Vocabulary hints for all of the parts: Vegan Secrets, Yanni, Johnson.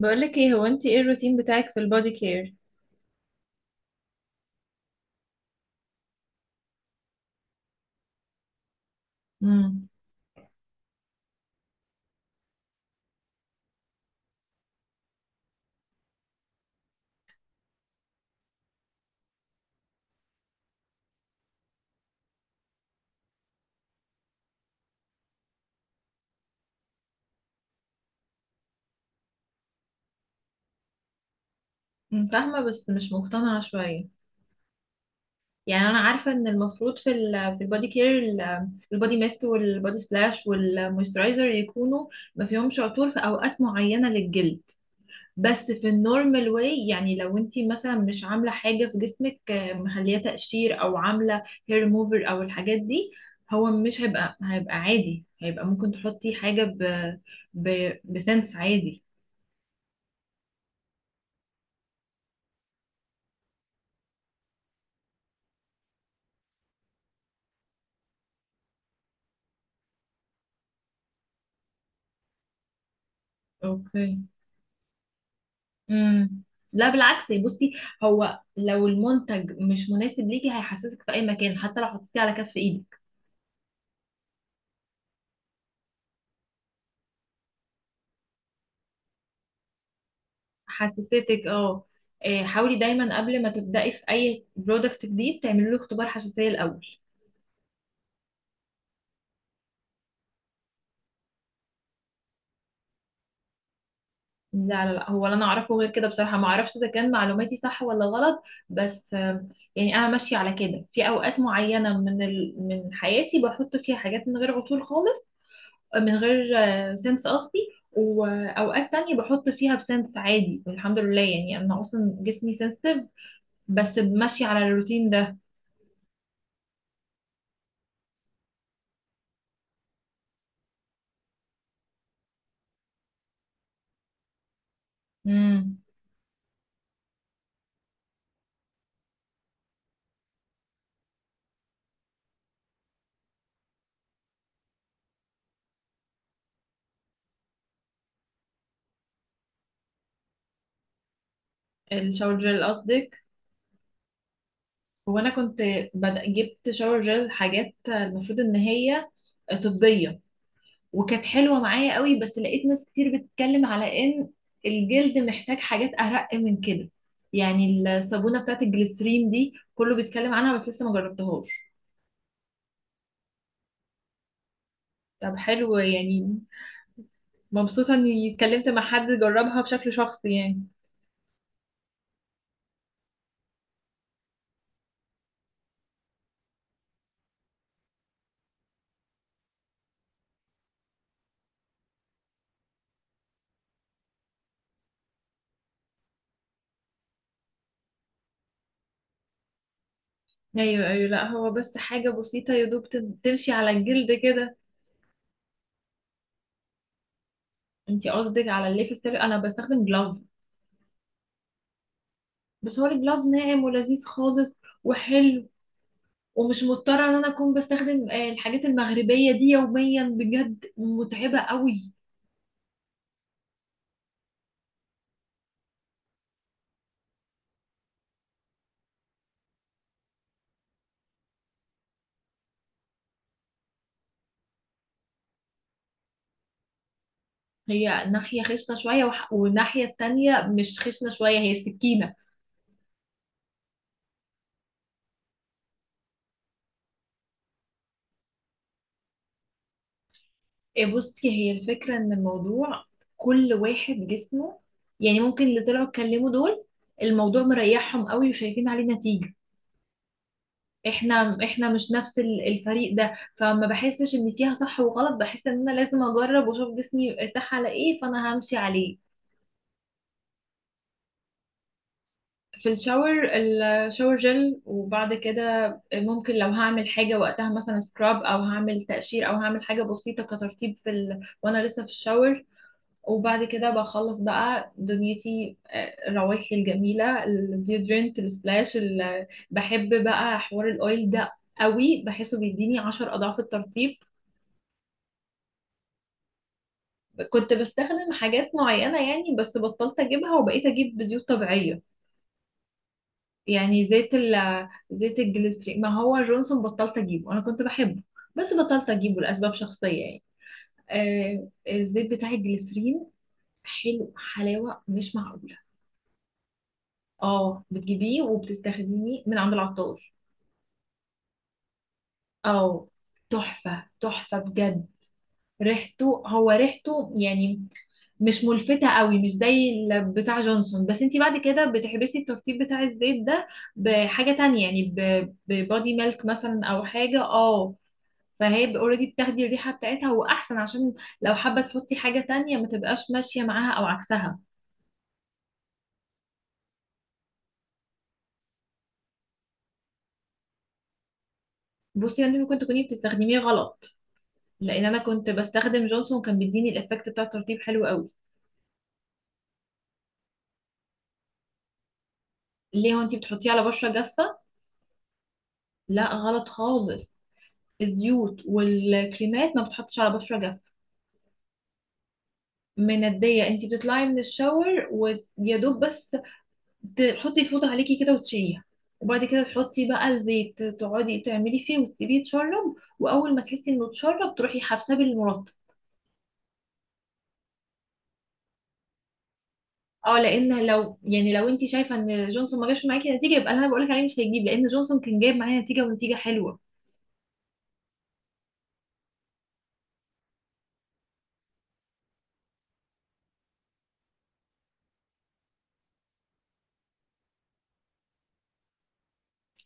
بقولك ايه، هو انت ايه الروتين بتاعك في البودي كير؟ امم. فاهمة بس مش مقتنعة شوية. يعني أنا عارفة إن المفروض في البودي كير البودي ميست والبودي سبلاش والمويسترايزر يكونوا ما فيهمش عطور في أوقات معينة للجلد. بس في النورمال واي، يعني لو أنتي مثلا مش عاملة حاجة في جسمك، مخلية تقشير أو عاملة هير ريموفر أو الحاجات دي. هو مش هيبقى عادي، هيبقى ممكن تحطي حاجة ب ب بسنس عادي. اوكي. امم. لا، بالعكس، يعني بصي، هو لو المنتج مش مناسب ليكي هيحسسك في اي مكان، حتى لو حطيتيه على كف ايدك. حسستك، اه. إيه، حاولي دايما قبل ما تبدأي في اي برودكت جديد تعملي له اختبار حساسية الاول. لا، لا، لا، هو اللي انا اعرفه غير كده، بصراحة ما اعرفش اذا كان معلوماتي صح ولا غلط. بس يعني انا ماشية على كده في اوقات معينة من حياتي، بحط فيها حاجات من غير عطول خالص، من غير سنس قصدي. واوقات تانية بحط فيها بسنس عادي، الحمد لله، يعني انا اصلا جسمي سنسيتيف. بس ماشي على الروتين ده. امم. الشاور جel قصدك؟ هو انا كنت جبت شاور جel حاجات المفروض ان هي طبية، وكانت حلوة معايا قوي، بس لقيت ناس كتير بتتكلم على ان الجلد محتاج حاجات ارق من كده. يعني الصابونة بتاعت الجليسرين دي كله بيتكلم عنها، بس لسه ما جربتهاش. طب حلو يعني. مبسوطة اني اتكلمت مع حد جربها بشكل شخصي يعني. ايوه، ايوه، لا هو بس حاجة بسيطة يا دوب تمشي على الجلد كده. انتي قصدك على الليف السيري؟ انا بستخدم جلاف. بس هو الجلاف ناعم ولذيذ خالص وحلو. ومش مضطرة ان انا اكون بستخدم الحاجات المغربية دي يوميا، بجد متعبة قوي. هي ناحية خشنة شوية والناحية التانية مش خشنة شوية، هي سكينة. إيه، بصي، هي الفكرة ان الموضوع كل واحد جسمه، يعني ممكن اللي طلعوا اتكلموا دول الموضوع مريحهم قوي وشايفين عليه نتيجة. احنا مش نفس الفريق ده، فما بحسش ان فيها صح وغلط، بحس ان انا لازم اجرب واشوف جسمي ارتاح على ايه، فانا همشي عليه. في الشاور، الشاور جل، وبعد كده ممكن لو هعمل حاجة وقتها، مثلا سكراب، او هعمل تقشير، او هعمل حاجة بسيطة كترطيب وانا لسه في الشاور. وبعد كده بخلص بقى دنيتي، روايحي الجميلة، الديودرنت، السبلاش، بحب بقى حوار الاويل ده قوي، بحسه بيديني 10 أضعاف الترطيب. كنت بستخدم حاجات معينة يعني، بس بطلت أجيبها وبقيت أجيب زيوت طبيعية. يعني زيت الجليسرين، ما هو جونسون بطلت أجيبه، أنا كنت بحبه، بس بطلت أجيبه لأسباب شخصية يعني. الزيت بتاع الجليسرين حلو، حلاوة مش معقولة. اه، بتجيبيه وبتستخدميه من عند العطار. اه، تحفة تحفة بجد. ريحته، هو ريحته يعني، مش ملفتة قوي، مش زي بتاع جونسون، بس انتي بعد كده بتحبسي الترطيب بتاع الزيت ده بحاجة تانية، يعني ببادي ميلك مثلا او حاجة، اه. فهي اوريدي بتاخدي الريحة بتاعتها، واحسن عشان لو حابة تحطي حاجة تانية ما تبقاش ماشية معاها او عكسها. بصي، انت ممكن تكوني بتستخدميه غلط، لان انا كنت بستخدم جونسون كان بيديني الايفكت بتاع الترطيب حلو قوي. ليه؟ وانتي بتحطيه على بشرة جافة؟ لا، غلط خالص. الزيوت والكريمات ما بتحطش على بشرة جافة. مندية، انتي بتطلعي من الشاور ويا دوب بس تحطي الفوطة عليكي كده وتشيليها، وبعد كده تحطي بقى الزيت، تقعدي تعملي فيه وتسيبيه يتشرب، واول ما تحسي انه اتشرب تروحي حابساه بالمرطب. اه، لان لو انت شايفه ان جونسون ما جابش معاكي نتيجه، يبقى اللي انا بقولك عليه مش هيجيب، لان جونسون كان جايب معايا نتيجه، ونتيجه حلوه.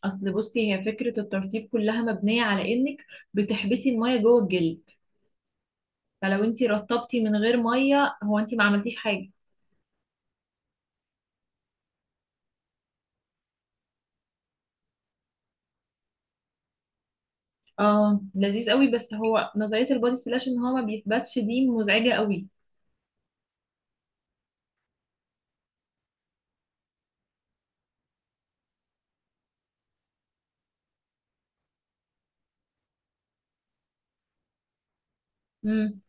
اصل بصي، هي فكره الترطيب كلها مبنيه على انك بتحبسي الميه جوه الجلد، فلو انت رطبتي من غير ميه، هو انت ما عملتيش حاجه. اه، لذيذ قوي، بس هو نظريه البودي سبلاش ان هو ما بيثبتش دي مزعجه قوي. امم.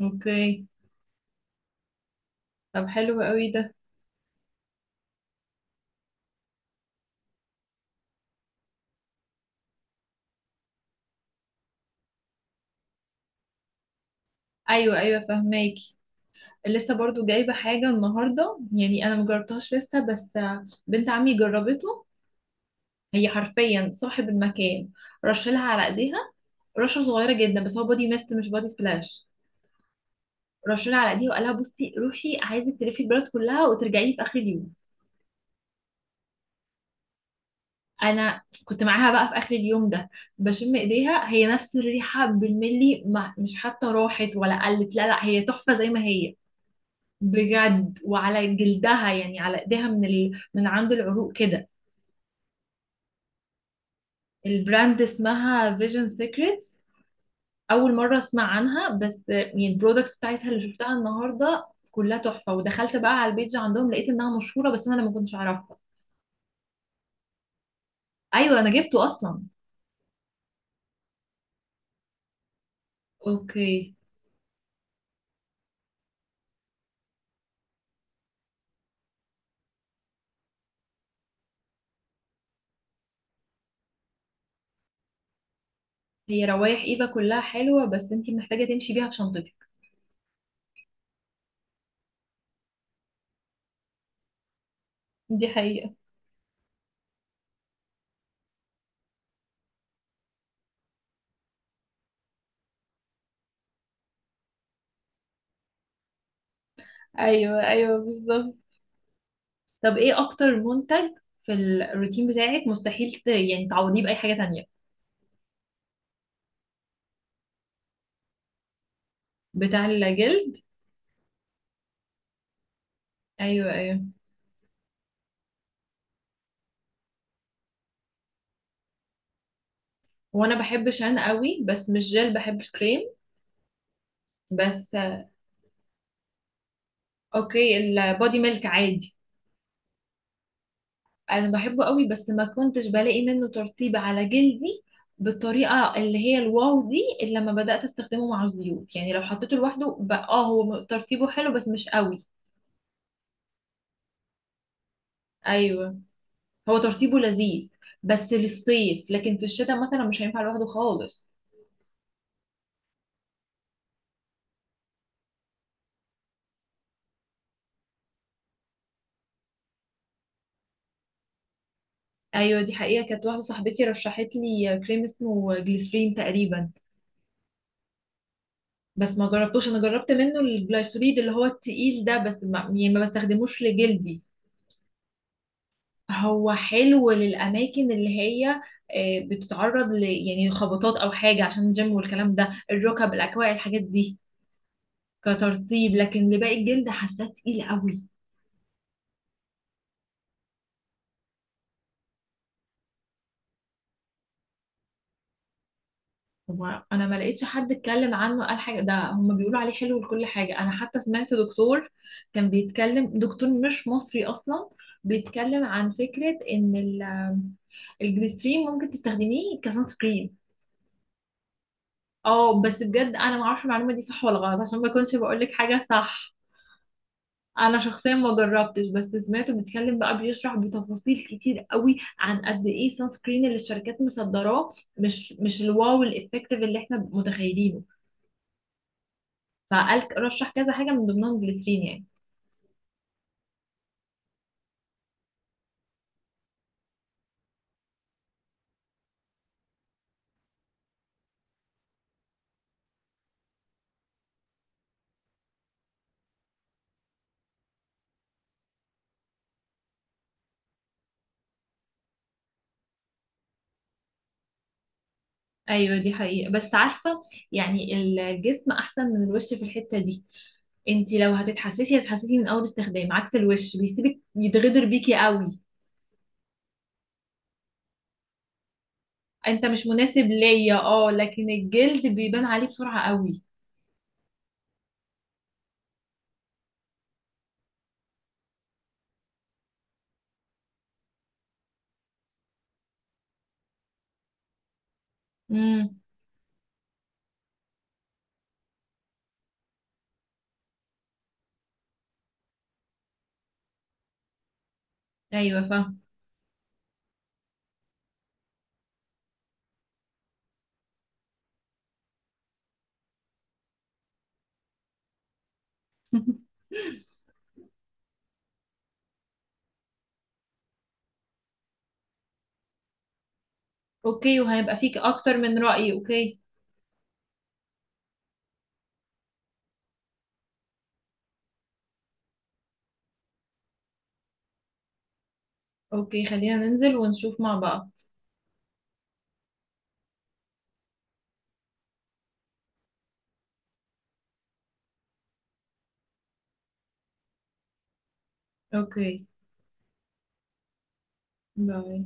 اوكي. طب حلو قوي ده. ايوه، ايوه، فهماكي. لسه برضو جايبه حاجه النهارده، يعني انا مجربتهاش لسه بس. بنت عمي جربته، هي حرفيا صاحب المكان، رشلها على ايديها، رشه صغيره جدا، بس هو بودي ميست مش بودي سبلاش. رشولة على ايديها وقال لها، بصي روحي عايزك تلفي البلد كلها وترجعي في اخر اليوم. انا كنت معاها بقى في اخر اليوم ده، بشم ايديها، هي نفس الريحه بالملي، ما مش حتى راحت ولا قلت، لا لا، هي تحفه زي ما هي. بجد، وعلى جلدها يعني، على ايديها من عند العروق كده. البراند اسمها فيجن سيكريتس. اول مره اسمع عنها، بس يعني البرودكتس بتاعتها اللي شفتها النهارده كلها تحفه، ودخلت بقى على البيج عندهم لقيت انها مشهوره، بس انا ما كنتش اعرفها. ايوه، انا جبته اصلا. اوكي. هي روايح ايفا كلها حلوة، بس انتي محتاجة تمشي بيها في شنطتك. دي حقيقة. ايوه، ايوه، بالظبط. طب ايه اكتر منتج في الروتين بتاعك مستحيل يعني تعوضيه بأي حاجة تانية؟ بتاع الجلد. ايوه، ايوه، وانا بحب شان قوي، بس مش جل، بحب الكريم بس. اوكي، البودي ميلك عادي. انا بحبه قوي، بس ما كنتش بلاقي منه ترطيب على جلدي بالطريقه اللي هي الواو دي، الا لما بدات استخدمه مع الزيوت، يعني لو حطيته لوحده بقى، اه هو ترطيبه حلو بس مش قوي. ايوه، هو ترطيبه لذيذ، بس للصيف، لكن في الشتاء مثلا مش هينفع لوحده خالص. ايوه، دي حقيقه، كانت واحده صاحبتي رشحت لي كريم اسمه جليسرين تقريبا، بس ما جربتوش. انا جربت منه الجليسريد اللي هو التقيل ده، بس ما بستخدموش لجلدي. هو حلو للأماكن اللي هي بتتعرض يعني خبطات أو حاجة عشان الجيم والكلام ده، الركب، الأكواع، الحاجات دي، كترطيب، لكن لباقي الجلد حاساه تقيل قوي. هو أنا ما لقيتش حد اتكلم عنه قال حاجة، ده هما بيقولوا عليه حلو لكل حاجة. أنا حتى سمعت دكتور كان بيتكلم، دكتور مش مصري أصلا، بيتكلم عن فكرة إن الجليسرين ممكن تستخدميه كسان سكرين. اه بس بجد انا ما اعرفش المعلومه دي صح ولا غلط عشان ما اكونش بقول لك حاجه صح. انا شخصيا ما جربتش، بس سمعته بيتكلم بقى بيشرح بتفاصيل كتير قوي عن قد ايه سان سكرين اللي الشركات مصدراه مش الواو الافكتيف اللي احنا متخيلينه، فقال رشح كذا حاجه من ضمنهم جليسرين يعني. ايوه، دي حقيقه، بس عارفه، يعني الجسم احسن من الوش في الحته دي. انت لو هتتحسسي هتتحسسي من اول استخدام، عكس الوش بيسيبك يتغدر بيكي قوي. انت مش مناسب ليا اه، لكن الجلد بيبان عليه بسرعه قوي. امم. ايوه، فاهم. اوكي، وهيبقى فيك اكتر من رأي، اوكي. اوكي، خلينا ننزل ونشوف مع بعض. اوكي، باي.